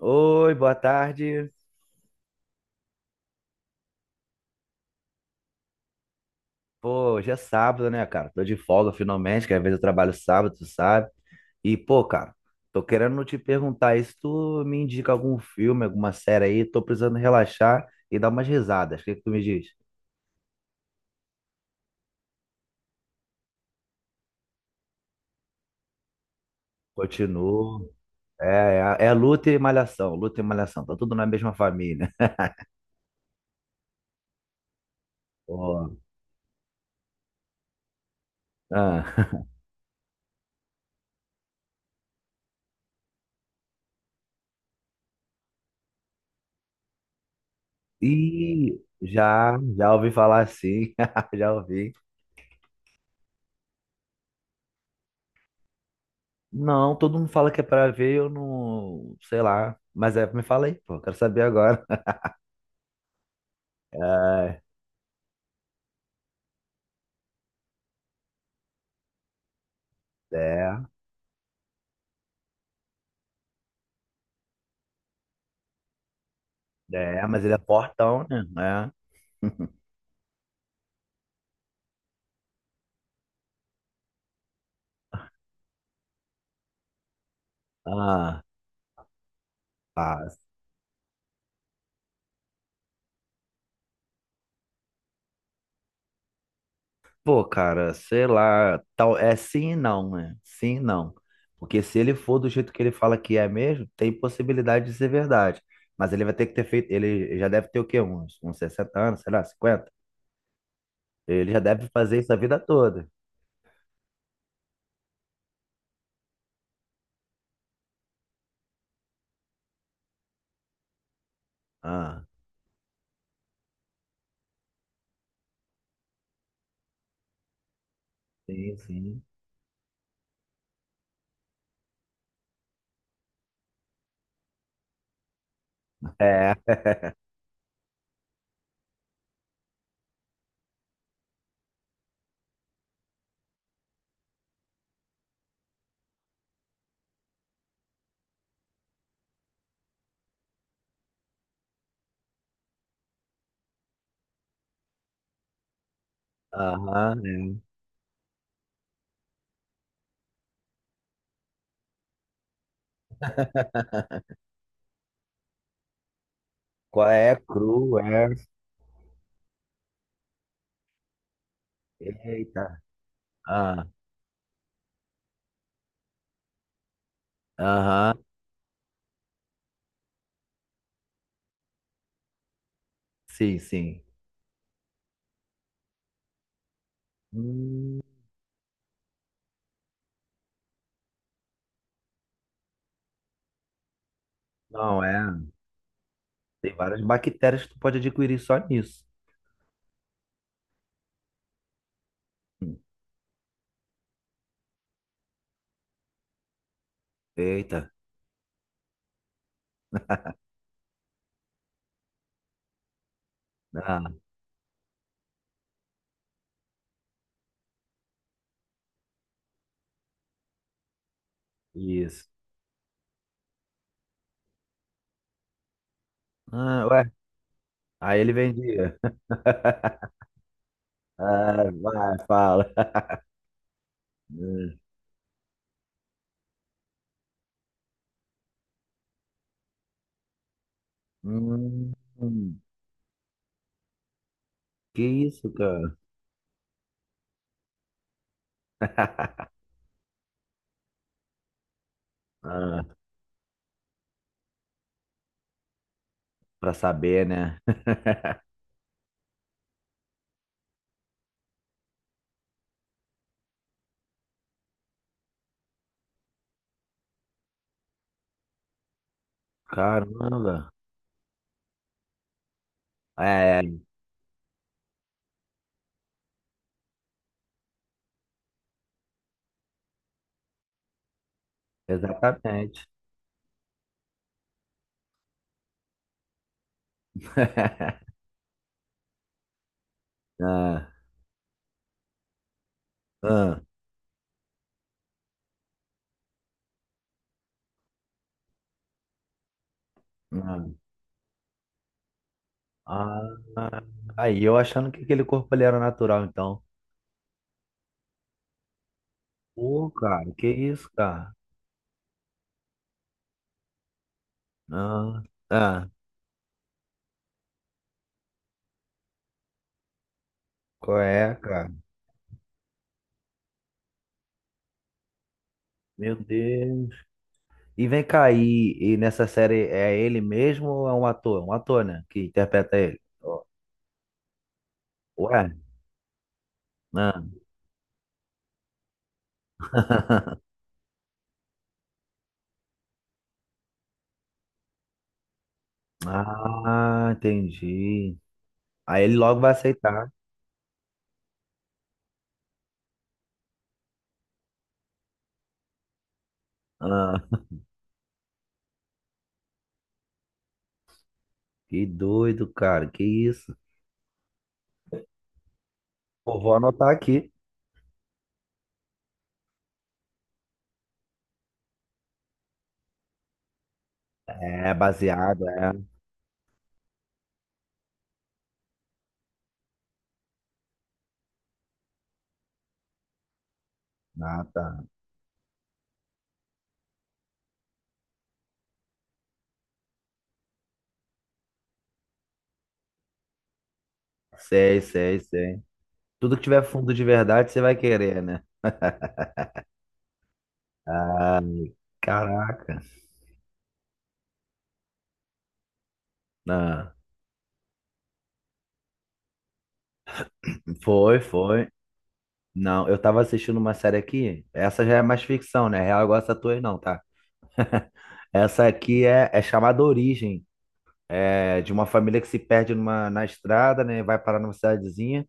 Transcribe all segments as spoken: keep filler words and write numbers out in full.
Oi, boa tarde. Pô, hoje é sábado, né, cara? Tô de folga finalmente, que às vezes eu trabalho sábado, tu sabe? E, pô, cara, tô querendo te perguntar aí se tu me indica algum filme, alguma série aí, tô precisando relaxar e dar umas risadas. O que que tu me diz? Continuo. É, é, é luta e malhação, luta e malhação. Tá tudo na mesma família. Pô, ah. E já, já ouvi falar assim, já ouvi. Não, todo mundo fala que é pra ver, eu não, sei lá. Mas é, me fala aí, pô, eu quero saber agora. É, é, é, mas ele é fortão, né? É. Ah, ah, pô, cara, sei lá, tal, é sim e não, né? Sim e não. Porque se ele for do jeito que ele fala que é mesmo, tem possibilidade de ser verdade. Mas ele vai ter que ter feito, ele já deve ter o quê? Uns, uns sessenta anos, sei lá, cinquenta? Ele já deve fazer isso a vida toda. Ah, sim, sim. É. Aham, é. Qual é? Cru, é. Eita. Ah, aham, sim, sim. Hum, não, é. Tem várias bactérias que tu pode adquirir só nisso. Hum. Eita. Ah, isso. Ah, ué. Aí ele vendia. Ah, vai, fala. Hum, hum, que isso, cara? Ah, pra saber, né? Caramba. É, é, exatamente. Ah. Ah, ah, ah. Aí eu achando que aquele corpo ali era natural, então. Pô, cara, que isso, cara? Ah, ah, qual é, cara? Meu Deus. E vem cá, e, e nessa série é ele mesmo ou é um ator? Um ator, né? Que interpreta ele. Ó, ué? Ah, ah, entendi. Aí ele logo vai aceitar. Ah, que doido, cara, que isso? Pô, vou anotar aqui. É, baseado, é. Ah, tá. Sei, sei, sei. Tudo que tiver fundo de verdade, você vai querer, né? Ah, caraca. Ah, foi, foi. Não, eu tava assistindo uma série aqui. Essa já é mais ficção, né? É real, igual essa tua aí não, tá? Essa aqui é, é chamada Origem. É de uma família que se perde numa, na estrada, né? Vai parar numa cidadezinha.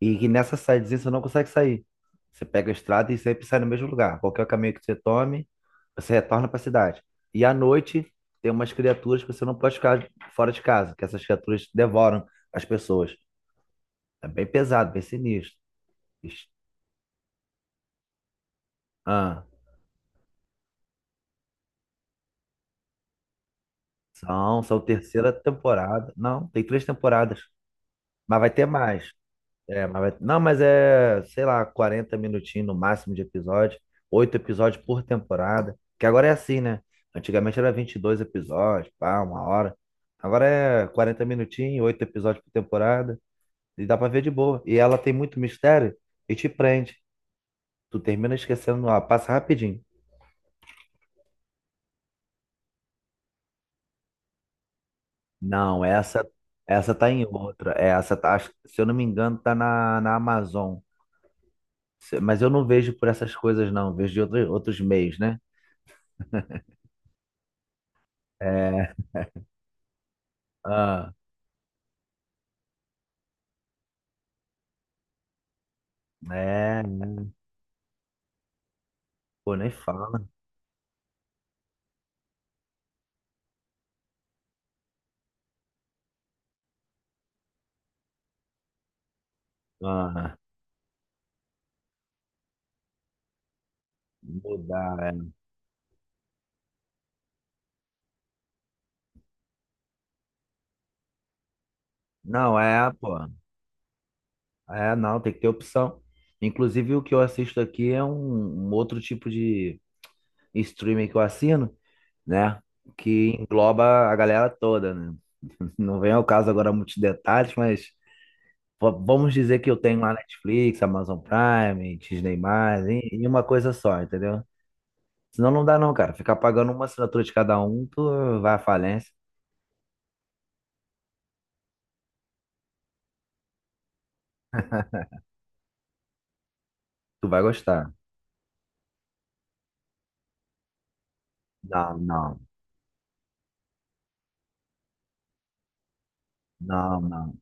E que nessa cidadezinha você não consegue sair. Você pega a estrada e sempre sai no mesmo lugar. Qualquer caminho que você tome, você retorna para a cidade. E à noite tem umas criaturas que você não pode ficar fora de casa, que essas criaturas devoram as pessoas. É bem pesado, bem sinistro. Ixi, ah, são, são terceira temporada. Não, tem três temporadas. Mas vai ter mais. É, mas vai- não, mas é, sei lá, quarenta minutinhos no máximo de episódio, oito episódios por temporada, que agora é assim, né? Antigamente era vinte e dois episódios, pá, uma hora. Agora é quarenta minutinhos, oito episódios por temporada, e dá pra ver de boa. E ela tem muito mistério e te prende. Tu termina esquecendo, ó, passa rapidinho. Não, essa essa tá em outra. É, essa tá, acho- se eu não me engano, tá na, na Amazon. Se- Mas eu não vejo por essas coisas, não. Vejo de outros, outros meios, né? É. ah, É, né? Pô, nem fala. Ah, mudar, é. Não, é, pô. É, não, tem que ter opção. Inclusive, o que eu assisto aqui é um, um outro tipo de streaming que eu assino, né? Que engloba a galera toda, né? Não vem ao caso agora muitos detalhes, mas v- vamos dizer que eu tenho lá Netflix, Amazon Prime, Disney+, em, em uma coisa só, entendeu? Senão não dá não, cara. Ficar pagando uma assinatura de cada um, tu vai à falência, tu vai gostar. Não, não. Não, não.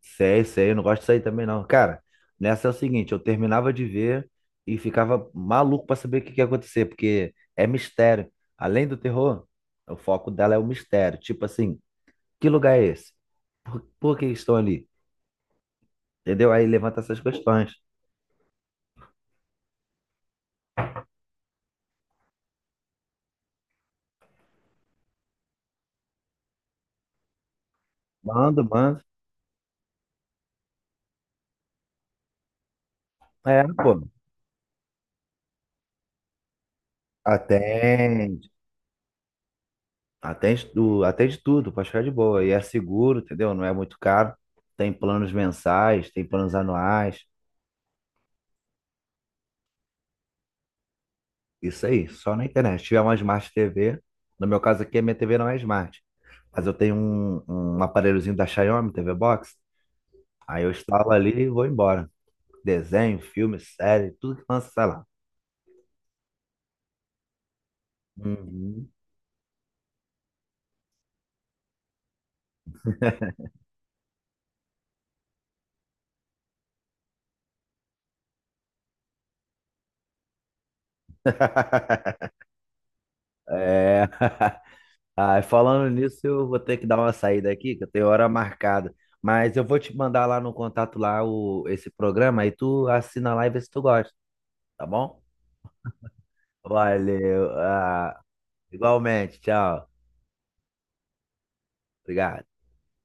Sei, sei, eu não gosto disso aí também, não. Cara, nessa é o seguinte, eu terminava de ver e ficava maluco pra saber o que que ia acontecer, porque é mistério. Além do terror, o foco dela é o mistério. Tipo assim, que lugar é esse? Por, por que estão ali? Entendeu? Aí levanta essas questões. Manda, manda. É, pô. Atende. Atende, tu- atende tudo, pode ficar de boa. E é seguro, entendeu? Não é muito caro. Tem planos mensais, tem planos anuais. Isso aí, só na internet. Se tiver uma Smart T V, no meu caso aqui, a minha T V não é Smart, mas eu tenho um, um aparelhozinho da Xiaomi, T V Box, aí eu instalo ali e vou embora. Desenho, filme, série, tudo que lança, sei lá. Uhum. É. Ah, falando nisso, eu vou ter que dar uma saída aqui, que eu tenho hora marcada. Mas eu vou te mandar lá no contato lá o, esse programa, aí tu assina lá e vê se tu gosta, tá bom? Valeu. Ah, igualmente, tchau. Obrigado.